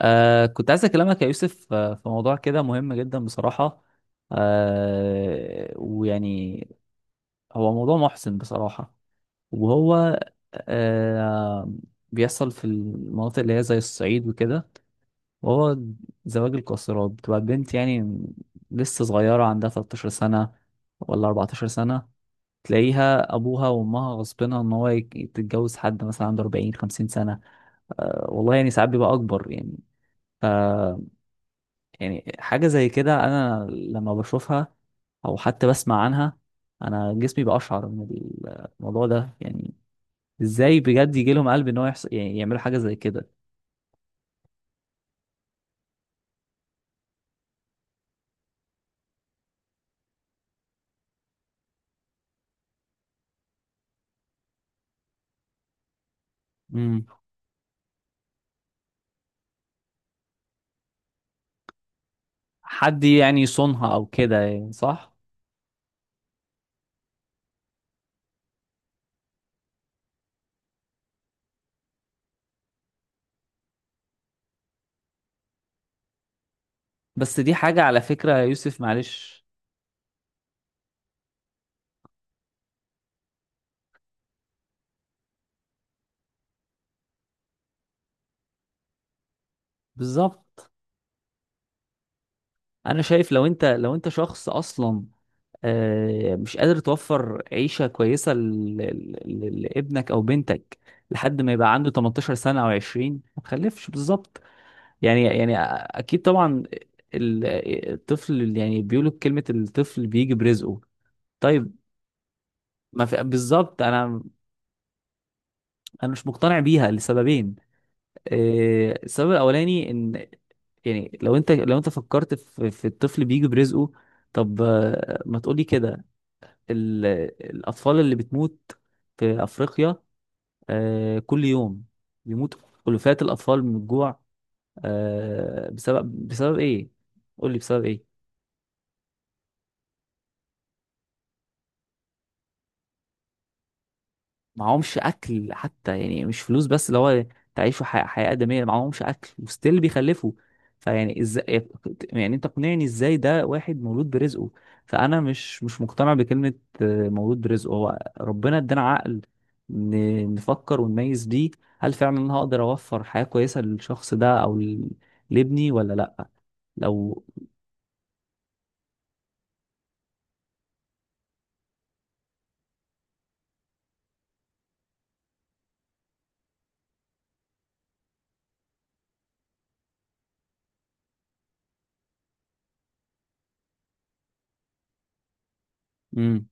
كنت عايز اكلمك يا يوسف، في موضوع كده مهم جدا بصراحة. ويعني هو موضوع محزن بصراحة. وهو آه بيحصل في المناطق اللي هي زي الصعيد وكده. وهو زواج القاصرات، بتبقى بنت يعني لسه صغيرة عندها 13 سنة ولا 14 سنة، تلاقيها أبوها وأمها غصبنها إن هو تتجوز حد مثلا عنده 40 50 سنة. آه والله يعني ساعات بيبقى أكبر يعني. يعني حاجة زي كده أنا لما بشوفها أو حتى بسمع عنها، أنا جسمي بأشعر من الموضوع ده يعني. إزاي بجد يجي لهم قلب إن هو يحصل يعني يعملوا حاجة زي كده؟ امم، حد يعني يصونها أو كده، يعني صح. بس دي حاجة على فكرة يا يوسف، معلش. بالظبط. أنا شايف لو أنت شخص أصلا، مش قادر توفر عيشة كويسة لابنك أو بنتك لحد ما يبقى عنده 18 سنة أو 20، ما تخلفش بالظبط. يعني يعني اكيد طبعا. ال- الطفل، يعني بيقولوا كلمة الطفل بيجي برزقه. طيب، ما في بالظبط. انا مش مقتنع بيها لسببين. إيه، السبب الاولاني ان يعني لو انت فكرت في الطفل بيجي برزقه، طب، ما تقولي كده. ال- الاطفال اللي بتموت في افريقيا، كل يوم بيموت ألوفات الأطفال من الجوع، بسبب إيه؟ قول لي بسبب إيه؟ معهمش اكل حتى، يعني مش فلوس بس، اللي هو تعيشوا حياة آدمية، معهمش اكل وستيل بيخلفوا. فيعني ازاي؟ يعني انت اقنعني ازاي ده واحد مولود برزقه. فانا مش مقتنع بكلمة، مولود برزقه. هو ربنا ادانا عقل نفكر ونميز بيه. هل فعلا انا هقدر اوفر حياة كويسة للشخص ده او لابني ولا لا؟ لو امم،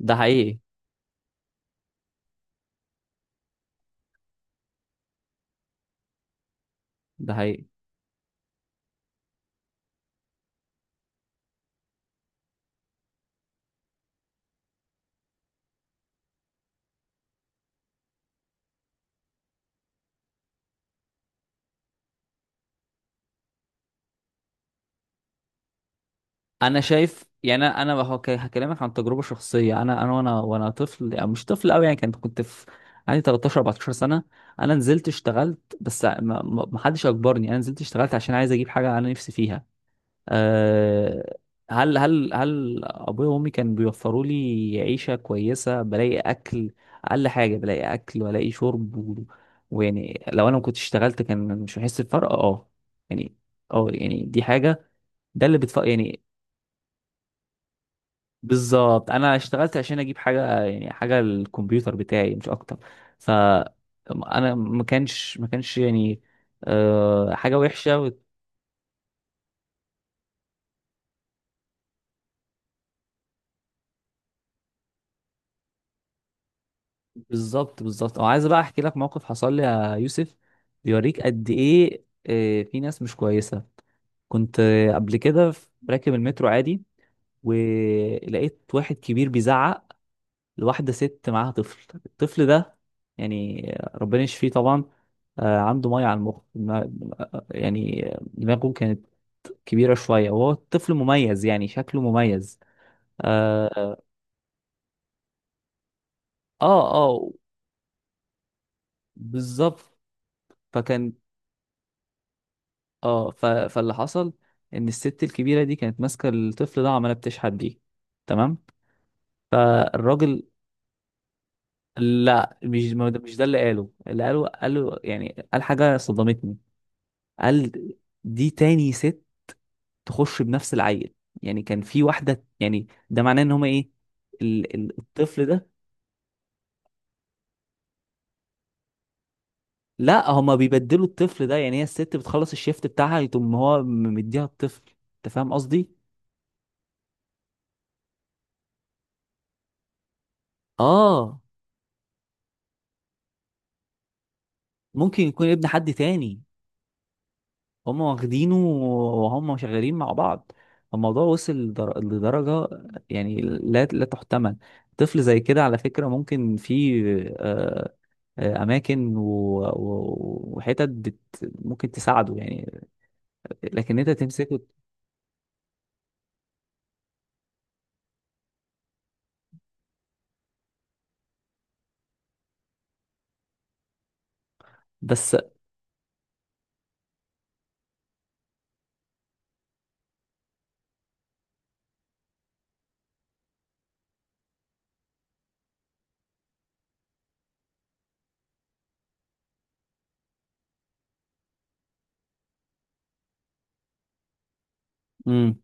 ده حقيقي ده حقيقي. انا شايف يعني أنا هو هكلمك عن تجربه شخصيه. انا انا وانا وانا طفل، يعني مش طفل قوي، يعني كنت في عندي 13 14 سنه، انا نزلت اشتغلت، بس ما حدش اجبرني. انا نزلت اشتغلت عشان عايز اجيب حاجه انا نفسي فيها. أه. هل ابويا وامي كانوا بيوفروا لي عيشه كويسه، بلاقي اكل، اقل حاجه بلاقي اكل والاقي شرب و... ويعني لو انا ما كنتش اشتغلت كان مش هحس بفرق. اه يعني. اه يعني دي حاجه، ده اللي بتفرق يعني. بالظبط. انا اشتغلت عشان اجيب حاجه، يعني حاجه للكمبيوتر بتاعي مش اكتر. ف انا ما كانش يعني أه حاجه وحشه و- بالظبط بالظبط. او عايز بقى احكي لك موقف حصل لي يا يوسف، بيوريك قد ايه، في ناس مش كويسه. كنت، قبل كده راكب المترو عادي، ولقيت واحد كبير بيزعق لواحدة ست معاها طفل. الطفل ده يعني ربنا يشفيه طبعا، عنده مية على المخ. يعني دماغه كانت كبيرة شوية، وهو الطفل مميز يعني شكله مميز. اه اه آه، بالظبط. فكان اه ف... فاللي حصل ان الست الكبيرة دي كانت ماسكة الطفل ده وعمالة بتشحت بيه. تمام. فالراجل، لا، مش ما مش ده اللي قاله. اللي قاله يعني قال حاجة صدمتني. قال دي تاني ست تخش بنفس العيل. يعني كان في واحدة، يعني ده معناه ان هما ايه، الطفل ده، لا هما بيبدلوا الطفل ده. يعني هي الست بتخلص الشيفت بتاعها، يتم هو مديها الطفل. انت فاهم قصدي؟ اه. ممكن يكون ابن حد تاني، هما واخدينه وهم شغالين مع بعض. الموضوع وصل لدرجة يعني لا لا تحتمل. طفل زي كده على فكرة ممكن في آه، آه، اماكن و... و... وحتت بت... ممكن تساعده يعني، لكن انت تمسكه. بس امم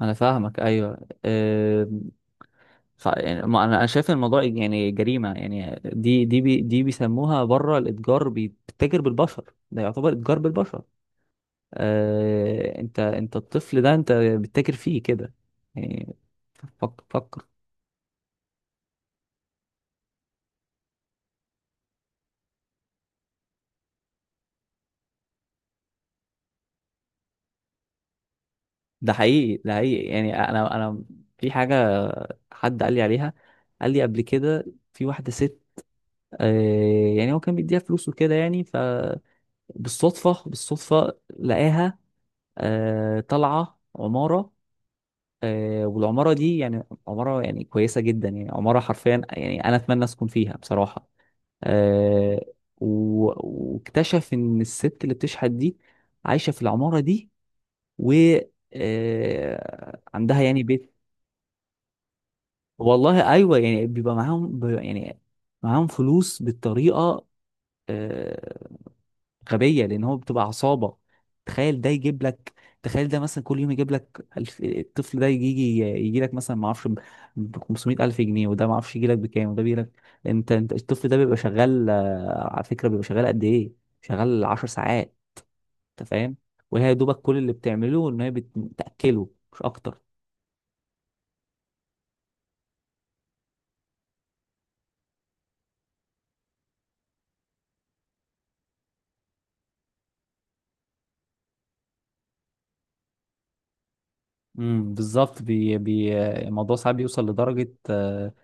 انا فاهمك، ايوه أم، ف... يعني ما انا أنا شايف إن الموضوع يعني جريمه. يعني دي بيسموها بره الاتجار بتتاجر بالبشر. ده يعتبر اتجار بالبشر. أه... انت انت الطفل ده انت بتتاجر فيه كده يعني. فكر. ده حقيقي ده حقيقي. يعني انا في حاجه حد قال لي عليها، قال لي قبل كده في واحده ست، يعني هو كان بيديها فلوس وكده يعني. فبالصدفة لقاها، طالعة عمارة، والعمارة دي يعني عمارة يعني كويسة جدا، يعني عمارة حرفيا يعني أنا أتمنى أسكن فيها بصراحة. آه، و- واكتشف إن الست اللي بتشحت دي عايشة في العمارة دي، و آه، عندها يعني بيت. والله أيوه، يعني بيبقى معاهم، بيبقى يعني معاهم فلوس بالطريقة آه، غبيه، لان هو بتبقى عصابه. تخيل ده يجيب لك، تخيل ده مثلا كل يوم يجيب لك الف... الطفل ده يجي لك مثلا ما اعرفش ب 500 الف جنيه، وده ما اعرفش يجي لك بكام، وده بيجي لك. انت انت الطفل ده بيبقى شغال، على فكره بيبقى شغال قد ايه؟ شغال 10 ساعات. انت فاهم. وهي يا دوبك كل اللي بتعمله ان هي بتاكله مش اكتر. بالظبط. بي... بي... الموضوع ساعات بيوصل لدرجه،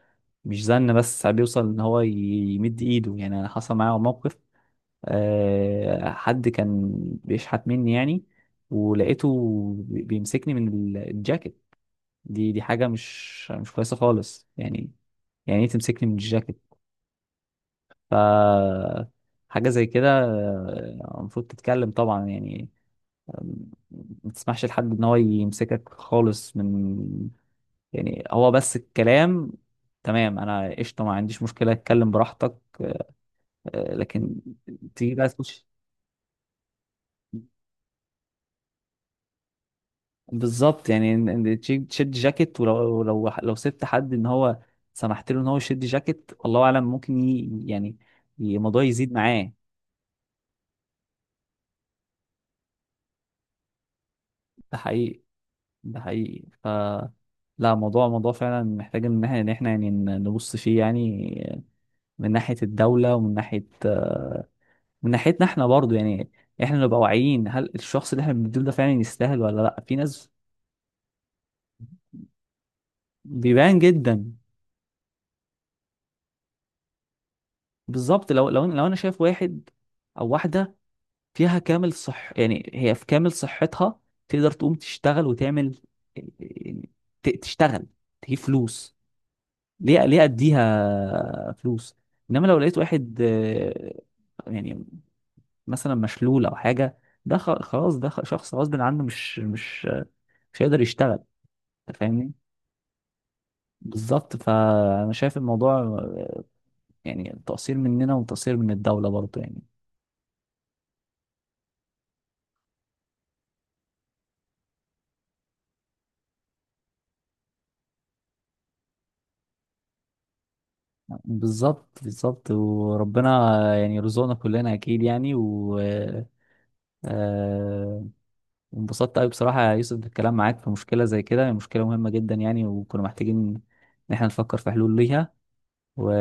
مش زن بس، ساعات بيوصل ان هو يمد ايده. يعني انا حصل معايا موقف، حد كان بيشحت مني يعني، ولقيته بيمسكني من الجاكيت. دي دي حاجة مش كويسة خالص يعني. يعني ايه تمسكني من الجاكيت؟ ف حاجة زي كده، المفروض تتكلم طبعا يعني. آم، ما تسمحش لحد ان هو يمسكك خالص من، يعني هو بس الكلام تمام، انا قشطة ما عنديش مشكلة، اتكلم براحتك، لكن تيجي بقى تخش بالظبط. يعني ان إن تشد جاكيت، ولو لو سبت حد ان هو سمحت له ان هو يشد جاكيت، الله اعلم ممكن ي... يعني الموضوع يزيد معاه. ده حقيقي ده حقيقي. ف لا، موضوع فعلا محتاج ان احنا إن إحنا يعني نبص فيه، يعني من ناحية الدولة ومن ناحية، من ناحيتنا احنا برضو يعني، احنا نبقى واعيين هل الشخص اللي احنا بنديله ده فعلا يستاهل ولا لا. في ناس بيبان جدا. بالظبط. لو انا شايف واحد او واحدة فيها كامل صح، يعني هي في كامل صحتها، تقدر تقوم تشتغل وتعمل، تشتغل تجيب فلوس، ليه اديها فلوس؟ انما لو لقيت واحد، يعني مثلا مشلول او حاجه، ده شخص غصب عنه، مش هيقدر يشتغل. أنت فاهمني. بالظبط. فانا شايف الموضوع، يعني تقصير مننا وتقصير من الدوله برضه يعني. بالظبط بالظبط. وربنا يعني يرزقنا كلنا اكيد يعني، و آه، وانبسطت قوي بصراحة يا يوسف بالكلام معاك في مشكلة زي كده، هي مشكلة مهمة جدا يعني، وكنا محتاجين إن احنا نفكر في حلول ليها، و...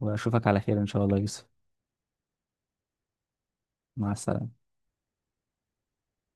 وأشوفك على خير إن شاء الله يا يوسف. مع السلامة